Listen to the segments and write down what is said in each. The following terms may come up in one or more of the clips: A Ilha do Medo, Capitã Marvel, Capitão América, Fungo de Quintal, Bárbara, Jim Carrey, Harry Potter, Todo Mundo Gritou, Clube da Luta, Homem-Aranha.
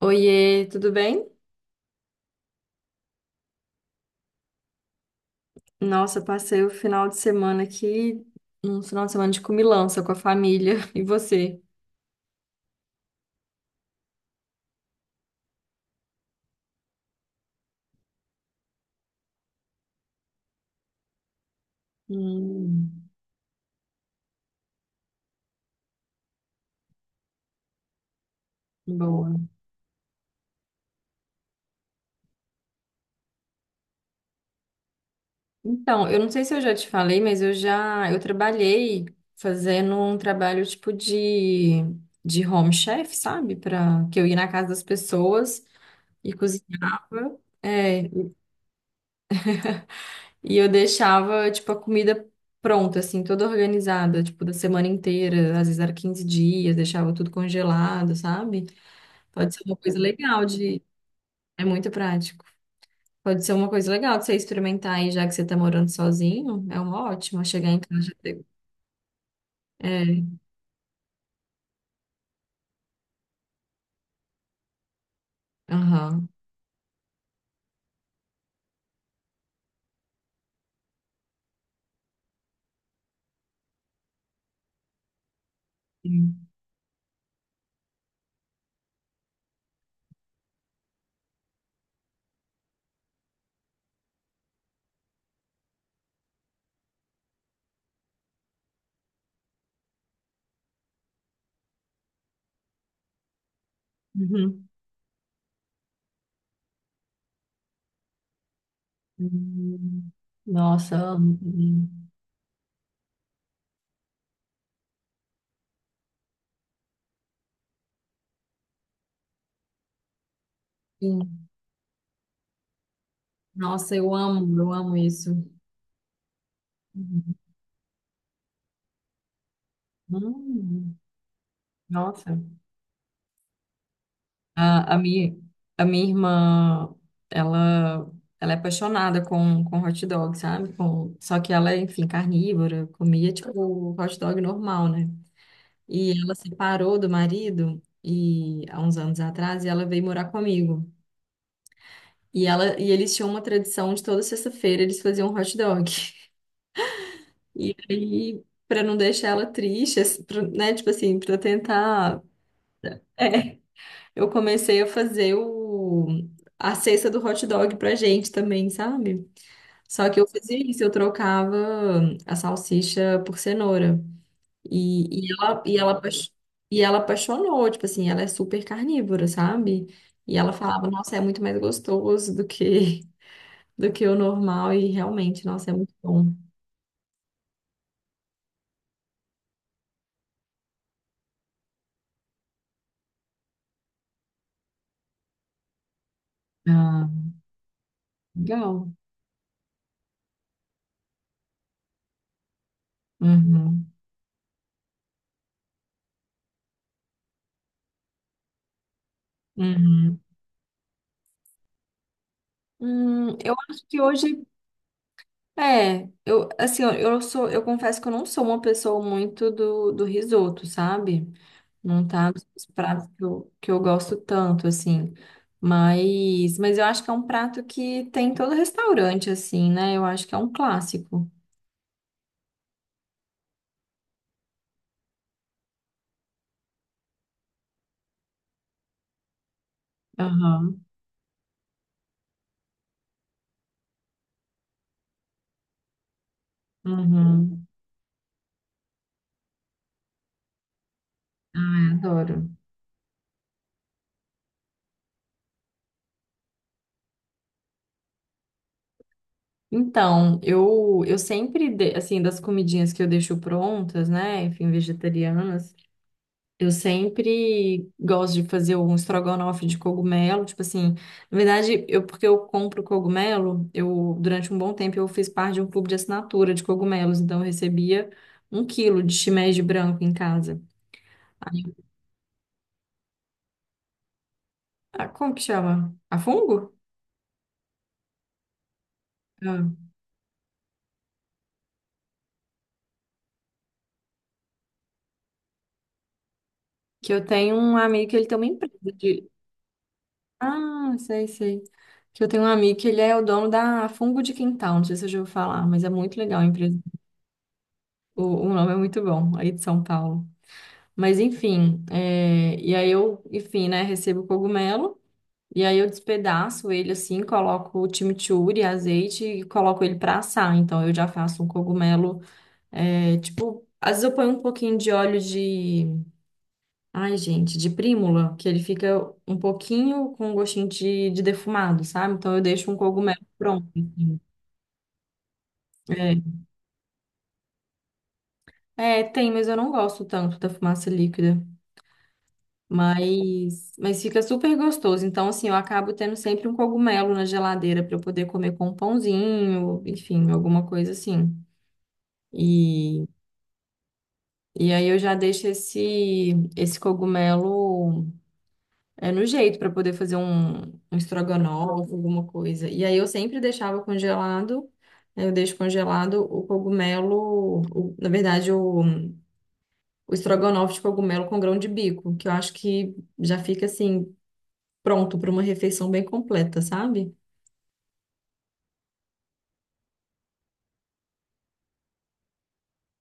Oiê, tudo bem? Nossa, passei o final de semana aqui, um final de semana de comilança com a família. E você? Hum, boa. Então, eu não sei se eu já te falei, mas eu trabalhei fazendo um trabalho tipo de home chef, sabe? Para que eu ia na casa das pessoas e cozinhava. É. E eu deixava, tipo, a comida pronta, assim, toda organizada, tipo, da semana inteira, às vezes era 15 dias, deixava tudo congelado, sabe? Pode ser uma coisa legal de. É muito prático. Pode ser uma coisa legal de você experimentar aí, já que você tá morando sozinho. É uma ótima chegar em casa. E ter- É, aham. Sim. Uhum. Hum. Nossa, amo. Sim. Nossa, eu amo isso. Uhum. Hum. Nossa. A minha, a minha irmã, ela, ela é apaixonada com hot dog, sabe? Com, só que ela é, enfim, carnívora, comia tipo hot dog normal, né? E ela separou do marido e há uns anos atrás e ela veio morar comigo. E ela e eles tinham uma tradição de toda sexta-feira eles faziam um hot dog. E aí, para não deixar ela triste, assim, pra- né, tipo assim, para tentar. Eu comecei a fazer o... a cesta do hot dog pra gente também, sabe? Só que eu fazia isso, eu trocava a salsicha por cenoura. E e ela apaixonou, tipo assim, ela é super carnívora, sabe? E ela falava, nossa, é muito mais gostoso do que o normal, e realmente, nossa, é muito bom. Ah, legal. Uhum, uhum. Eu acho que hoje. É, eu assim, eu sou, eu confesso que eu não sou uma pessoa muito do risoto, sabe? Não tá nos pratos que eu gosto tanto, assim. Mas eu acho que é um prato que tem em todo restaurante, assim, né? Eu acho que é um clássico. Aham, uhum. Ai, adoro. Então, eu sempre, de- assim, das comidinhas que eu deixo prontas, né? Enfim, vegetarianas. Eu sempre gosto de fazer um estrogonofe de cogumelo, tipo assim, na verdade, eu porque eu compro cogumelo, eu durante um bom tempo eu fiz parte de um clube de assinatura de cogumelos, então eu recebia um quilo de shimeji branco em casa. Ah, como que chama? A fungo? Ah, que eu tenho um amigo que ele tem uma empresa de. Ah, sei, sei. Que eu tenho um amigo que ele é o dono da Fungo de Quintal, não sei se eu já ouvi falar, mas é muito legal a empresa. O nome é muito bom, aí de São Paulo. Mas enfim, é, e aí eu, enfim, né, recebo o cogumelo, e aí eu despedaço ele assim, coloco o chimichurri, azeite e coloco ele para assar. Então eu já faço um cogumelo, é, tipo, às vezes eu ponho um pouquinho de óleo de, ai gente, de prímula, que ele fica um pouquinho com um gostinho de defumado, sabe? Então eu deixo um cogumelo pronto assim. É. É, tem, mas eu não gosto tanto da fumaça líquida. Mas fica super gostoso. Então, assim, eu acabo tendo sempre um cogumelo na geladeira para eu poder comer com um pãozinho, enfim, alguma coisa assim. E, e aí eu já deixo esse cogumelo é, no jeito para poder fazer um, um estrogonofe, alguma coisa. E aí eu sempre deixava congelado, né, eu deixo congelado o cogumelo, o- na verdade, o estrogonofe de cogumelo com grão de bico, que eu acho que já fica assim pronto para uma refeição bem completa, sabe?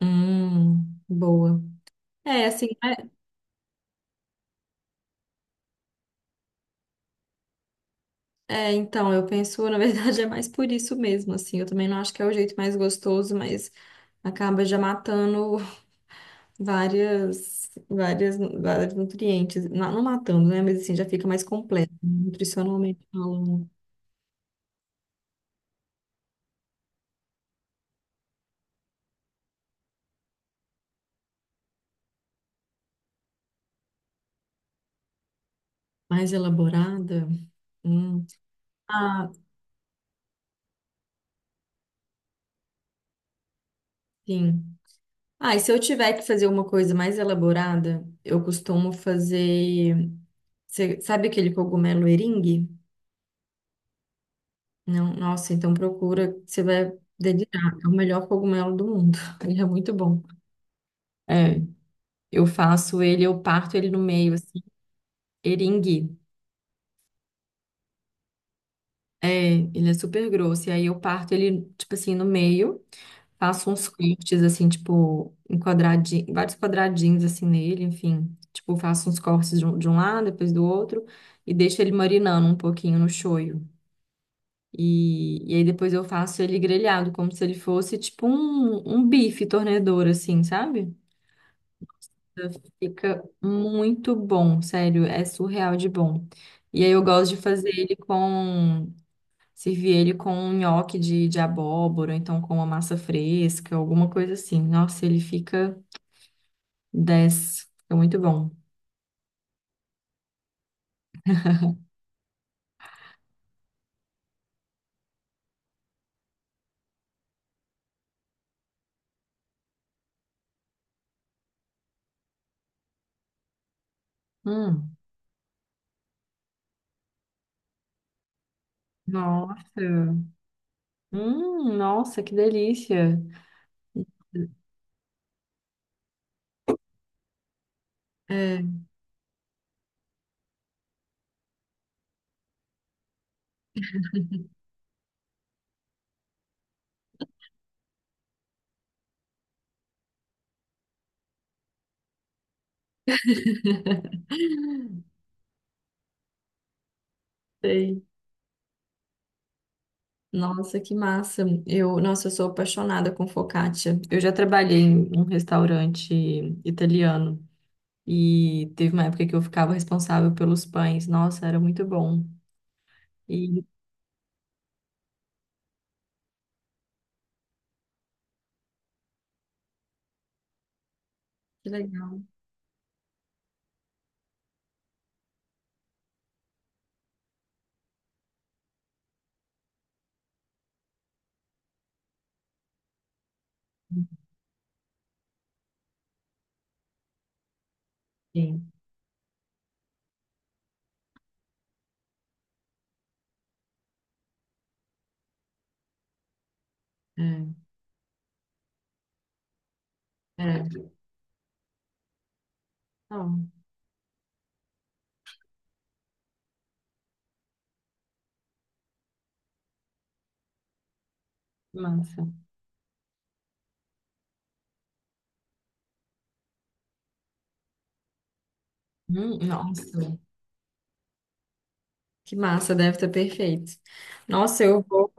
Hum, boa. É, assim, é, é, então, eu penso, na verdade, é mais por isso mesmo, assim, eu também não acho que é o jeito mais gostoso, mas acaba já matando várias, várias, vários nutrientes, não, não matando, né, mas assim, já fica mais completa, nutricionalmente falando, mais elaborada. Hum. Ah, sim. Ah, e se eu tiver que fazer uma coisa mais elaborada, eu costumo fazer. Você sabe aquele cogumelo eringue? Não, nossa, então procura, você vai delirar. É o melhor cogumelo do mundo. Ele é muito bom. É, eu faço ele, eu parto ele no meio, assim, eringue. É, ele é super grosso. E aí eu parto ele, tipo assim, no meio, faço uns cortes, assim, tipo, em quadradinho, vários quadradinhos, assim, nele, enfim. Tipo, faço uns cortes de um lado, depois do outro, e deixo ele marinando um pouquinho no shoyu. E aí depois eu faço ele grelhado, como se ele fosse tipo um, um bife tornedor, assim, sabe? Fica muito bom, sério, é surreal de bom. E aí eu gosto de fazer ele com, servir ele com um nhoque de abóbora, ou então com uma massa fresca, alguma coisa assim. Nossa, ele fica dez, fica muito bom. Hum, nossa, nossa, que delícia. É, sei. Nossa, que massa. Eu, nossa, eu sou apaixonada com focaccia. Eu já trabalhei em um restaurante italiano e teve uma época que eu ficava responsável pelos pães. Nossa, era muito bom. E que legal. Sim, é, é. Não, que massa. Nossa, que massa, deve estar perfeito. Nossa,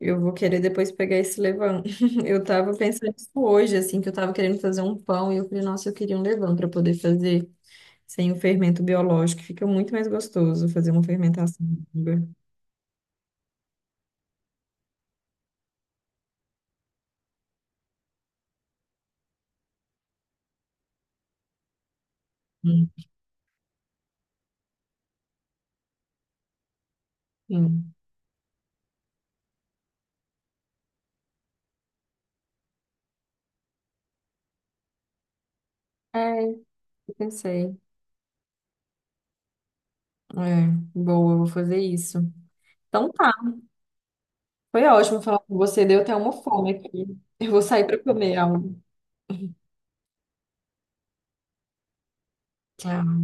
eu vou querer depois pegar esse levain. Eu tava pensando isso hoje, assim, que eu tava querendo fazer um pão e eu falei, nossa, eu queria um levain para poder fazer. Sem o fermento biológico, fica muito mais gostoso fazer uma fermentação. Hum. Sim. É, eu pensei. É, boa, eu vou fazer isso. Então tá, foi ótimo falar com você, deu até uma fome aqui. Eu vou sair para comer algo. Tchau.